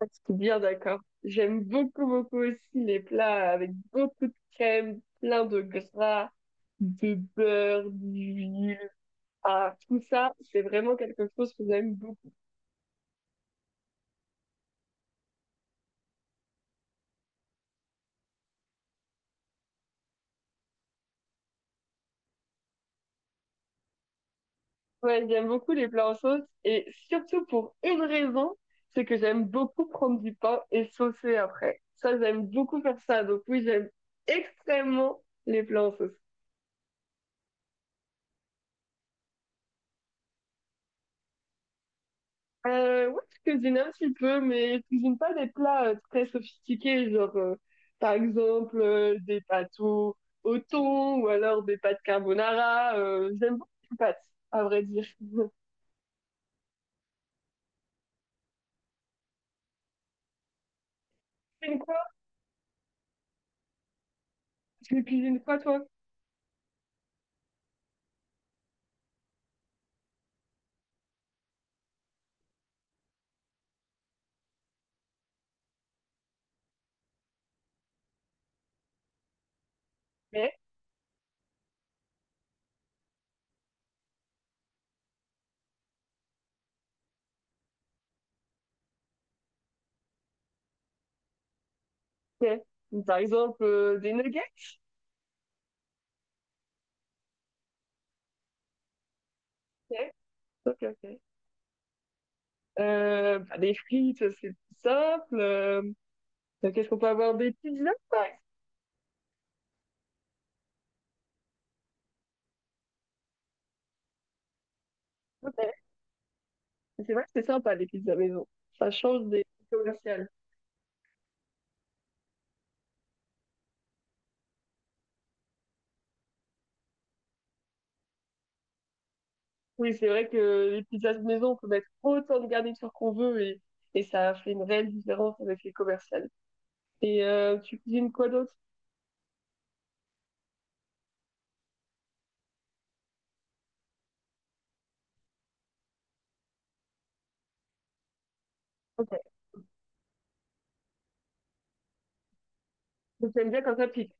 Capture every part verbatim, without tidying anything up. Ah, c'est bien d'accord. J'aime beaucoup, beaucoup aussi les plats avec beaucoup de crème, plein de gras, de beurre, d'huile. Ah, tout ça, c'est vraiment quelque chose que j'aime beaucoup. Ouais, j'aime beaucoup les plats en sauce et surtout pour une raison, c'est que j'aime beaucoup prendre du pain et saucer après. Ça, j'aime beaucoup faire ça. Donc oui, j'aime extrêmement les plats en sauce. Euh, ouais, je cuisine un petit peu, mais je cuisine pas des plats euh, très sophistiqués, genre euh, par exemple euh, des pâtes au, au thon ou alors des pâtes carbonara. Euh, j'aime beaucoup les pâtes, à vrai dire. Tu cuisines quoi? Tu cuisines quoi, toi? Ok, ok. Par exemple, euh, des nuggets? Ok, ok. Ok. Euh, bah, des frites, c'est plus simple. Euh, qu'est-ce qu'on peut avoir? Des pizzas, par exemple. Ok. C'est vrai que c'est sympa, les pizzas maison. Ça change des commerciales. Oui, c'est vrai que les pizzas de maison, on peut mettre autant de garniture qu'on veut et, et ça fait une réelle différence avec les commerciales. Et euh, tu cuisines quoi d'autre? Ok. Donc, t'aimes bien quand ça pique.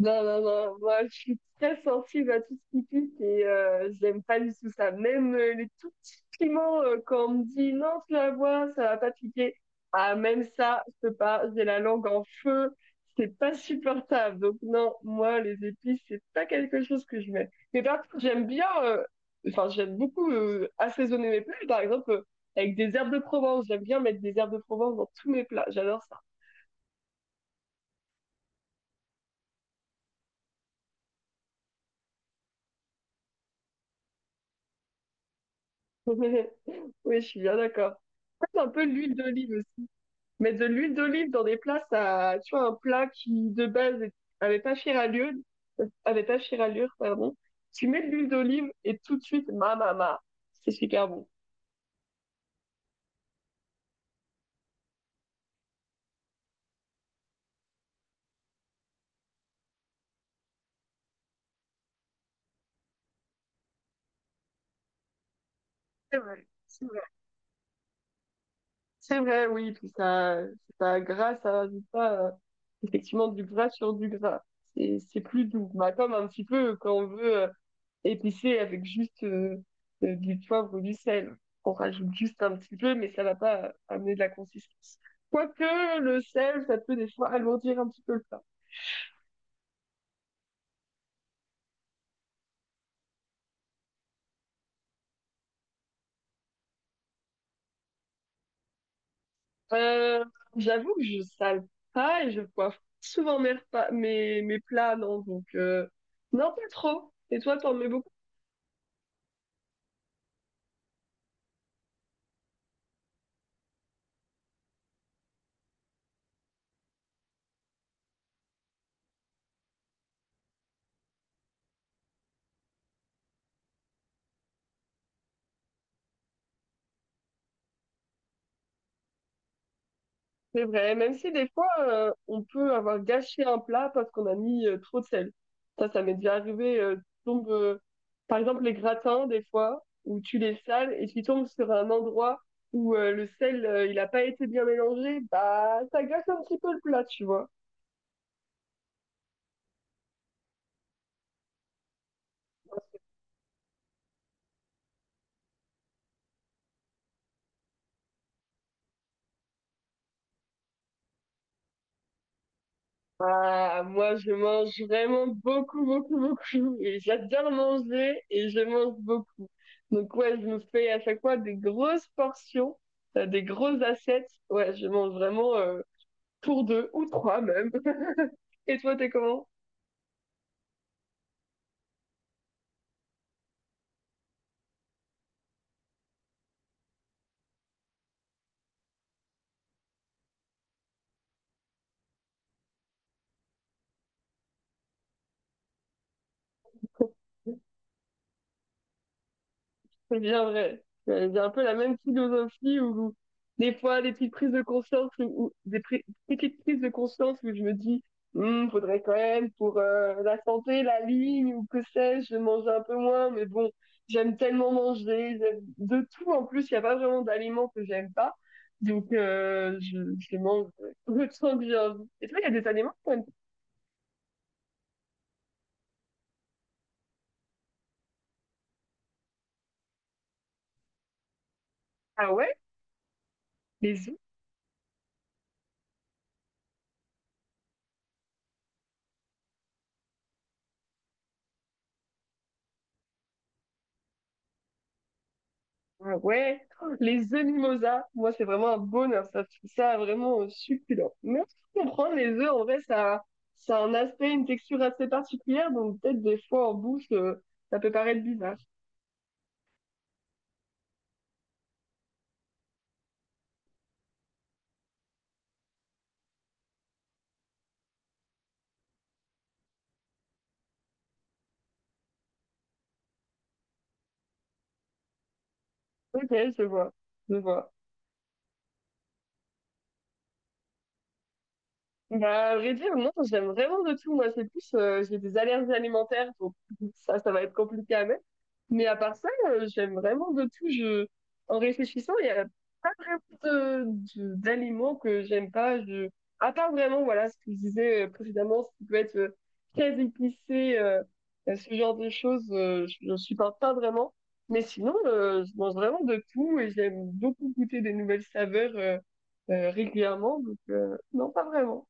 Non, non, non, moi je suis très sensible à tout ce qui pique et euh, j'aime pas du tout ça. Même euh, les tout petits piments, euh, quand on me dit non, tu la vois, ça va pas piquer. Ah, même ça, je peux pas, j'ai la langue en feu, c'est pas supportable. Donc, non, moi les épices, c'est pas quelque chose que je mets. Mais par contre, j'aime bien, euh, enfin, j'aime beaucoup euh, assaisonner mes plats, par exemple, euh, avec des herbes de Provence. J'aime bien mettre des herbes de Provence dans tous mes plats, j'adore ça. Oui, je suis bien d'accord. Un peu l'huile d'olive aussi. Mais de l'huile d'olive dans des plats, ça, tu vois, un plat qui de base est- avait pas fière allure, avait pas fière allure, pardon. Tu mets de l'huile d'olive et tout de suite, ma ma ma, c'est super bon. C'est vrai, c'est vrai. C'est vrai, oui, puis ça, ça gras, ça rajoute pas euh, effectivement du gras sur du gras. C'est c'est plus doux. Bah, comme un petit peu quand on veut euh, épicé avec juste euh, euh, du poivre, du sel. On rajoute juste un petit peu, mais ça va pas amener de la consistance. Quoique le sel, ça peut des fois alourdir un petit peu le plat. Euh, J'avoue que je sale pas et je poivre souvent mes, repas- mes, mes plats, non, donc euh, non, pas trop. Et toi, t'en mets beaucoup? C'est vrai, même si des fois, euh, on peut avoir gâché un plat parce qu'on a mis euh, trop de sel. Ça, ça m'est déjà arrivé. Euh, tu tombes, euh, par exemple, les gratins, des fois, où tu les sales et tu tombes sur un endroit où euh, le sel, euh, il n'a pas été bien mélangé, bah, ça gâche un petit peu le plat, tu vois. Ah, moi, je mange vraiment beaucoup, beaucoup, beaucoup. Et j'adore manger et je mange beaucoup. Donc, ouais, je me fais à chaque fois des grosses portions, euh, des grosses assiettes. Ouais, je mange vraiment. Euh, pour deux ou trois même. Et toi, t'es comment? C'est bien vrai. C'est un peu la même philosophie où des fois des petites prises de conscience ou ou des pri- petites prises de conscience où je me dis hmm, faudrait quand même pour euh, la santé, la ligne ou que sais-je, manger un peu moins. Mais bon, j'aime tellement manger, j'aime de tout en plus. Il n'y a pas vraiment d'aliments que j'aime pas. Donc euh, je, je mange le temps que j'ai envie. Et toi, il y a des aliments que t'aimes- Ah ouais? Les ah ouais, les œufs mimosa, moi c'est vraiment un bonheur, ça je trouve ça vraiment euh, succulent. Mais je comprends, les œufs en vrai ça, ça a un aspect, une texture assez particulière, donc peut-être des fois en bouche euh, ça peut paraître bizarre. Ok, je vois, je vois. Bah à vrai dire, non, j'aime vraiment de tout, moi c'est plus, euh, j'ai des allergies alimentaires, donc ça, ça va être compliqué à mettre. Mais à part ça, euh, j'aime vraiment de tout. Je... En réfléchissant, il n'y a pas vraiment de, de- d'aliments que j'aime pas. Je... À part vraiment, voilà, ce que je disais euh, précédemment, ce qui peut être euh, très épicé, euh, euh, ce genre de choses, euh, je ne supporte pas vraiment. Mais sinon, euh, je mange vraiment de tout et j'aime beaucoup goûter des nouvelles saveurs euh, euh, régulièrement. Donc, euh, non, pas vraiment.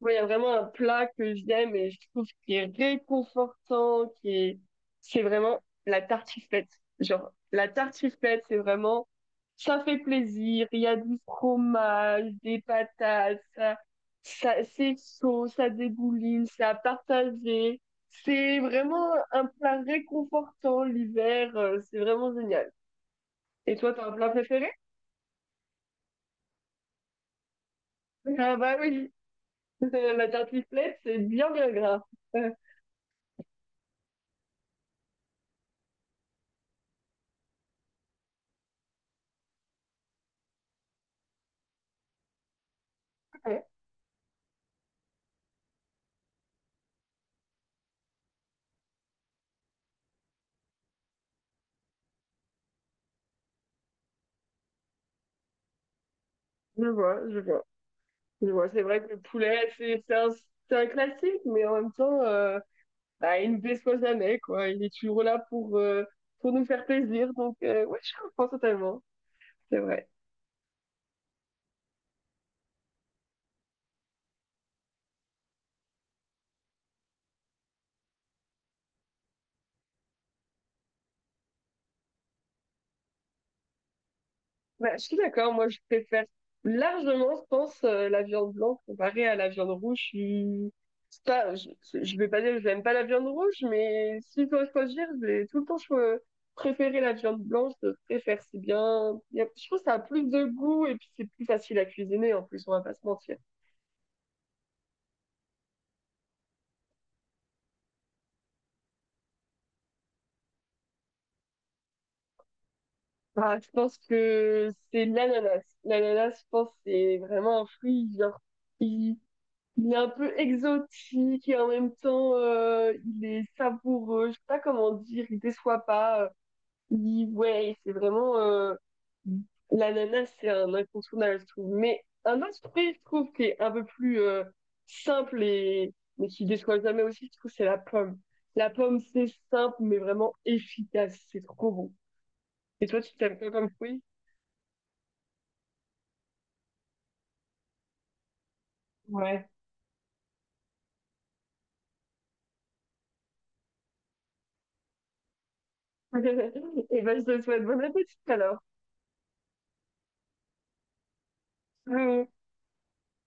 Moi, il y a vraiment un plat que j'aime et je trouve qui est réconfortant, qui est, c'est vraiment la tartiflette. Genre, la tartiflette, c'est vraiment, ça fait plaisir, il y a du fromage, des patates, ça, ça, c'est chaud, ça dégouline, c'est à partager. C'est vraiment un plat réconfortant l'hiver, euh, c'est vraiment génial. Et toi, t'as un plat préféré? Ah bah oui, la tartiflette, c'est bien, bien gras. Je vois, je vois. Mais bon, c'est vrai que le poulet, c'est c'est un, c'est un classique, mais en même temps, euh, bah, il ne déçoit jamais, quoi. Il est toujours là pour, euh, pour nous faire plaisir. Donc, euh, ouais, je comprends totalement. C'est vrai. Bah, je suis d'accord. Moi, je préfère largement, je pense, euh, la viande blanche comparée à la viande rouge. Je suis- c'est pas, je, je vais pas dire que je n'aime pas la viande rouge, mais si je dois choisir, je vais tout le temps cho- préférer la viande blanche. Je préfère, c'est bien. Il y a- je trouve que ça a plus de goût et puis c'est plus facile à cuisiner en plus, on va pas se mentir. Ah, je pense que c'est l'ananas. L'ananas, je pense, c'est vraiment un fruit, genre, il, il est un peu exotique et en même temps, euh, il est savoureux. Je sais pas comment dire, il déçoit pas. Il, ouais, c'est vraiment, euh, l'ananas, c'est un incontournable, je trouve. Mais un autre fruit, je trouve, qui est un peu plus, euh, simple et, mais qui déçoit jamais aussi, je trouve, c'est la pomme. La pomme, c'est simple, mais vraiment efficace. C'est trop bon. Et toi, tu t'aimes quoi comme fruit? Ouais. Et ben, je te souhaite bon appétit alors. Mmh.